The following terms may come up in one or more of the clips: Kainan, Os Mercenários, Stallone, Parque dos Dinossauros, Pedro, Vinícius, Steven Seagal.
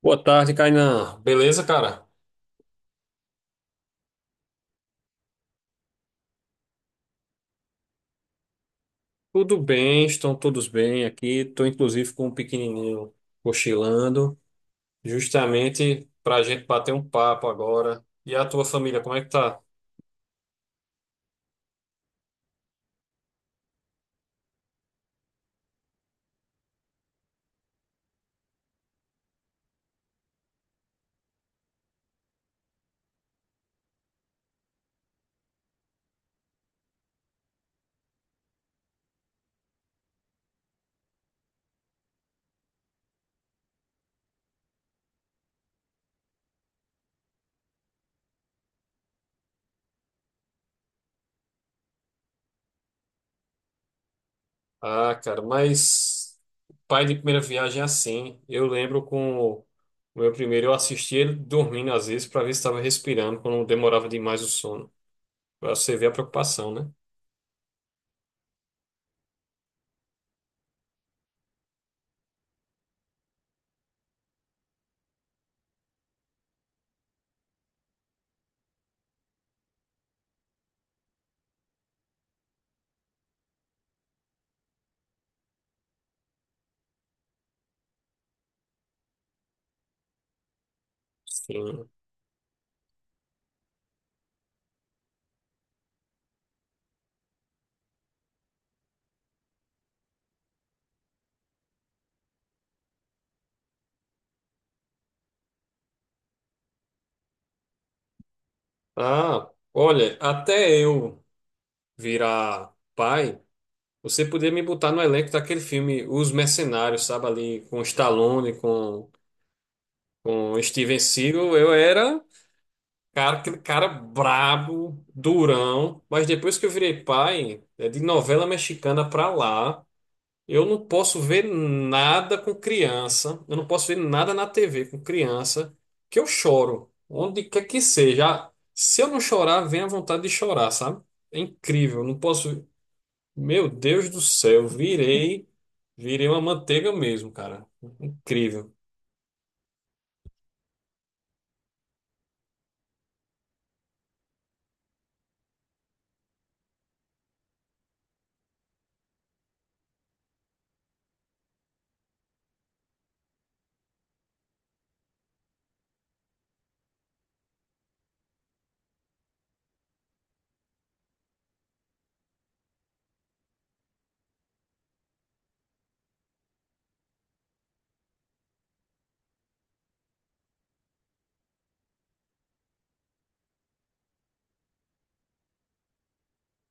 Boa tarde, Kainan. Beleza, cara? Tudo bem, estão todos bem aqui. Estou inclusive com um pequenininho cochilando, justamente para a gente bater um papo agora. E a tua família, como é que tá? Ah, cara, mas pai de primeira viagem é assim. Eu lembro com o meu primeiro, eu assisti ele dormindo às vezes para ver se estava respirando, quando demorava demais o sono. Para você ver a preocupação, né? Sim. Ah, olha, até eu virar pai. Você podia me botar no elenco daquele filme Os Mercenários, sabe? Ali com Stallone, com Steven Seagal. Eu era, cara, aquele cara brabo, durão. Mas depois que eu virei pai, é de novela mexicana pra lá, eu não posso ver nada com criança. Eu não posso ver nada na TV com criança, que eu choro. Onde quer que seja. Se eu não chorar, vem a vontade de chorar, sabe? É incrível. Não posso. Meu Deus do céu, virei, virei uma manteiga mesmo, cara. Incrível.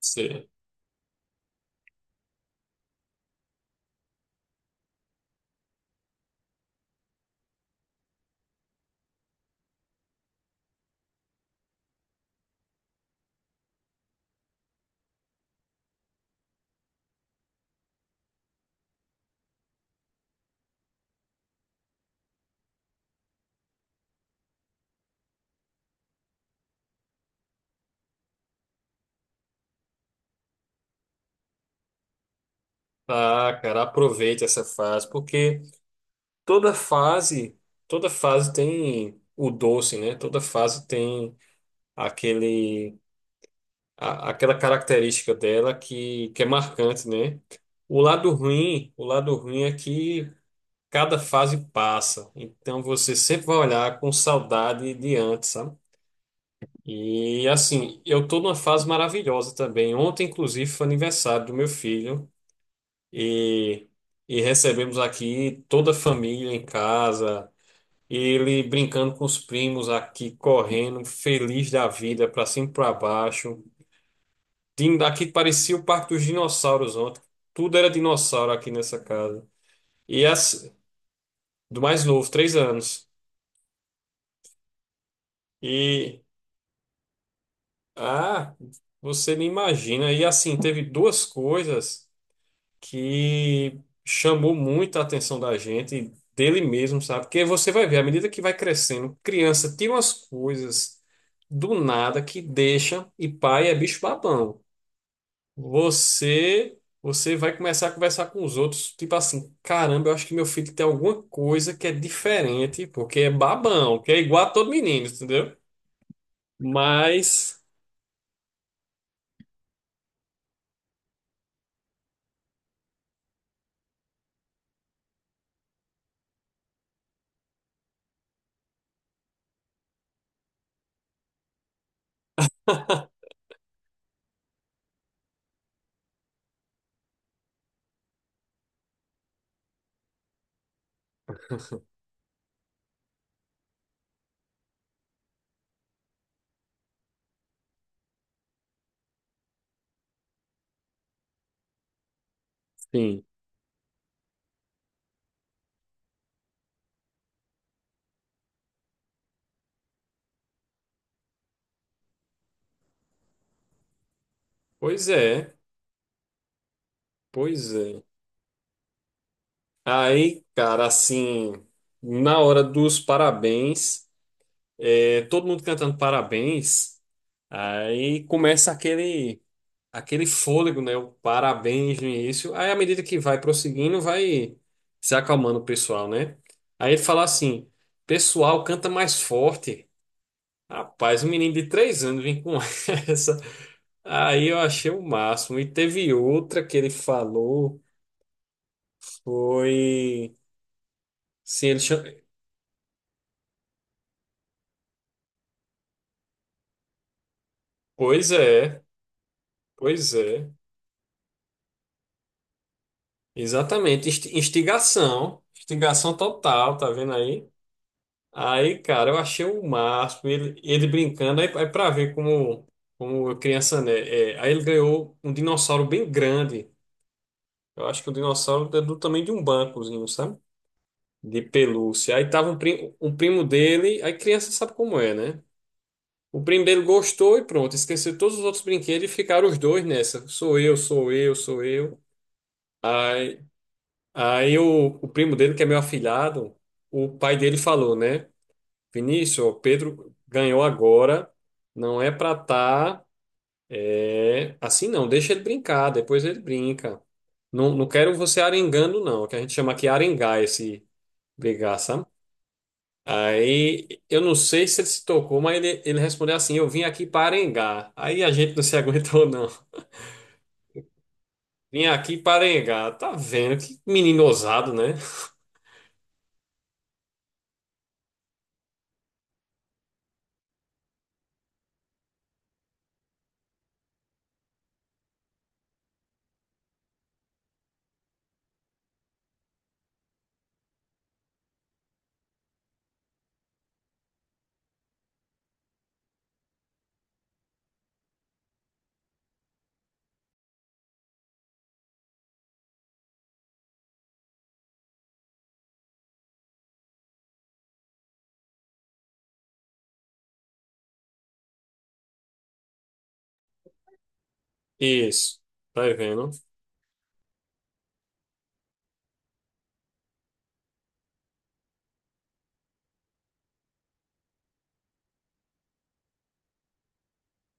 Você... Ah, cara, aproveite essa fase, porque toda fase, toda fase tem o doce, né? Toda fase tem aquele, aquela característica dela que é marcante, né? O lado ruim é que cada fase passa, então você sempre vai olhar com saudade de antes, sabe? E assim, eu tô numa fase maravilhosa também. Ontem, inclusive, foi aniversário do meu filho e, e recebemos aqui toda a família em casa. Ele brincando com os primos aqui, correndo, feliz da vida, pra cima e pra baixo. Aqui parecia o Parque dos Dinossauros ontem. Tudo era dinossauro aqui nessa casa. E as, do mais novo, 3 anos. E, ah, você nem imagina. E assim, teve duas coisas, que chamou muito a atenção da gente, dele mesmo, sabe? Porque você vai ver, à medida que vai crescendo, criança tem umas coisas do nada que deixa, e pai é bicho babão. Você vai começar a conversar com os outros, tipo assim, caramba, eu acho que meu filho tem alguma coisa que é diferente, porque é babão, que é igual a todo menino, entendeu? Mas, sim. Pois é, pois é. Aí, cara, assim, na hora dos parabéns, é, todo mundo cantando parabéns, aí começa aquele, aquele fôlego, né? O parabéns no início. Aí, à medida que vai prosseguindo, vai se acalmando o pessoal, né? Aí ele fala assim: pessoal, canta mais forte. Rapaz, um menino de 3 anos vem com essa. Aí eu achei o máximo. E teve outra que ele falou, foi. Sim, ele chama... Pois é. Pois é, exatamente. Instigação, instigação total, tá vendo aí? Aí, cara, eu achei o máximo, ele brincando, aí pra ver como, como criança, né? É, aí ele ganhou um dinossauro bem grande. Eu acho que o dinossauro é do tamanho de um bancozinho, sabe? De pelúcia. Aí tava um, um primo dele, aí criança sabe como é, né? O primo dele gostou e pronto, esqueceu todos os outros brinquedos e ficaram os dois nessa. Sou eu, sou eu, sou eu. aí Aí o primo dele, que é meu afilhado, o pai dele falou, né? Vinícius, ó, Pedro ganhou agora, não é pra tá é, assim não, deixa ele brincar, depois ele brinca. Não, não quero você arengando não, que a gente chama aqui arengar esse brigar, sabe? Aí eu não sei se ele se tocou, mas ele respondeu assim: Eu vim aqui para arengar. Aí a gente não se aguentou, não. Vim aqui para arengar. Tá vendo? Que menino ousado, né? Isso. Tá vendo?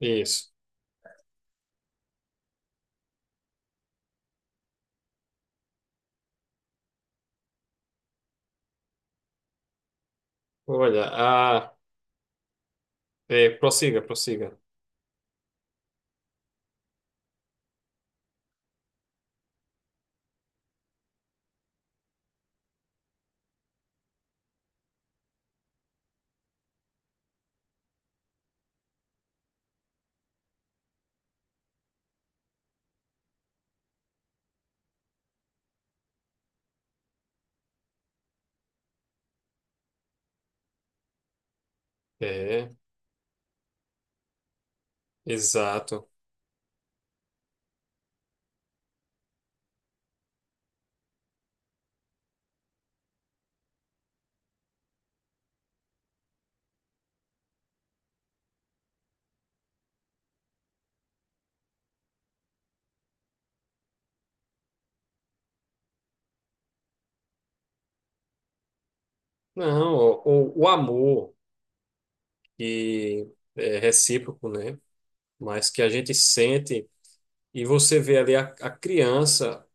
Isso. Olha, ah, é, prossiga. É, exato. Não, o amor que é recíproco, né? Mas que a gente sente e você vê ali a criança,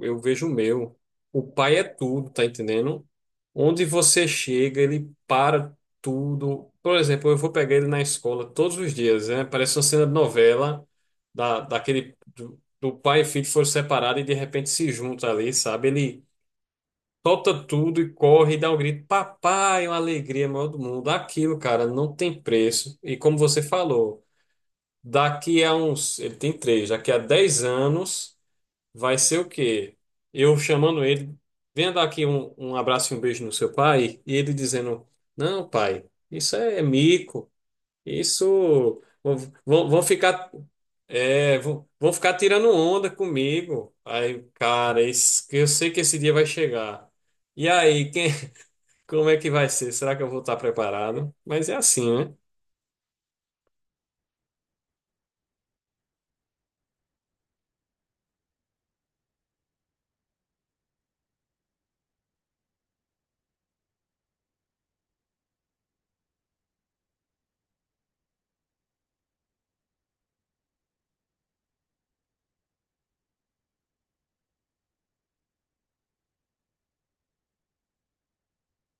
eu vejo o meu. O pai é tudo, tá entendendo? Onde você chega, ele para tudo. Por exemplo, eu vou pegar ele na escola todos os dias, né? Parece uma cena de novela daquele do pai e filho que foram separados e de repente se juntam ali, sabe? Ele solta tudo e corre e dá um grito. Papai, é uma alegria maior do mundo. Aquilo, cara, não tem preço. E como você falou, daqui a uns, ele tem três, daqui a 10 anos, vai ser o quê? Eu chamando ele, venha dar aqui um abraço e um beijo no seu pai, e ele dizendo: Não, pai, isso é mico, isso. Vão, vão vão ficar, vão ficar tirando onda comigo. Aí, cara, isso, eu sei que esse dia vai chegar. E aí, quem como é que vai ser? Será que eu vou estar preparado? Mas é assim, né?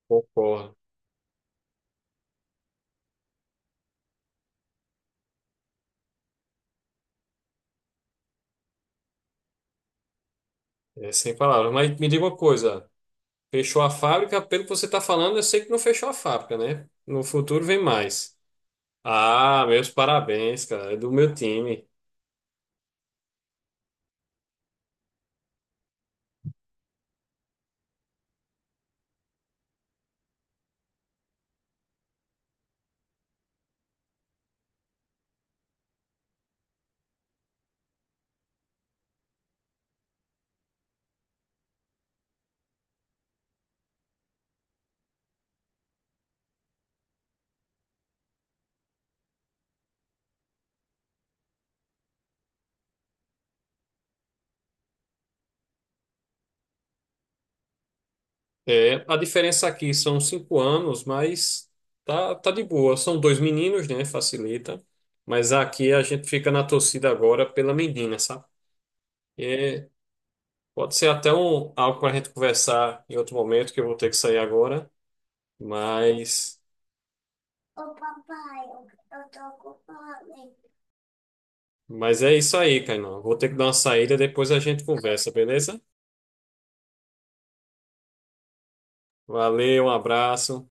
Concordo. É sem palavras. Mas me diga uma coisa: fechou a fábrica? Pelo que você está falando, eu sei que não fechou a fábrica, né? No futuro vem mais. Ah, meus parabéns, cara. É do meu time. É, a diferença aqui são 5 anos, mas tá de boa. São dois meninos, né? Facilita. Mas aqui a gente fica na torcida agora pela menina, sabe? É, pode ser até um, algo para a gente conversar em outro momento, que eu vou ter que sair agora. Mas, mas é isso aí, Kainan. Vou ter que dar uma saída, depois a gente conversa, beleza? Valeu, um abraço.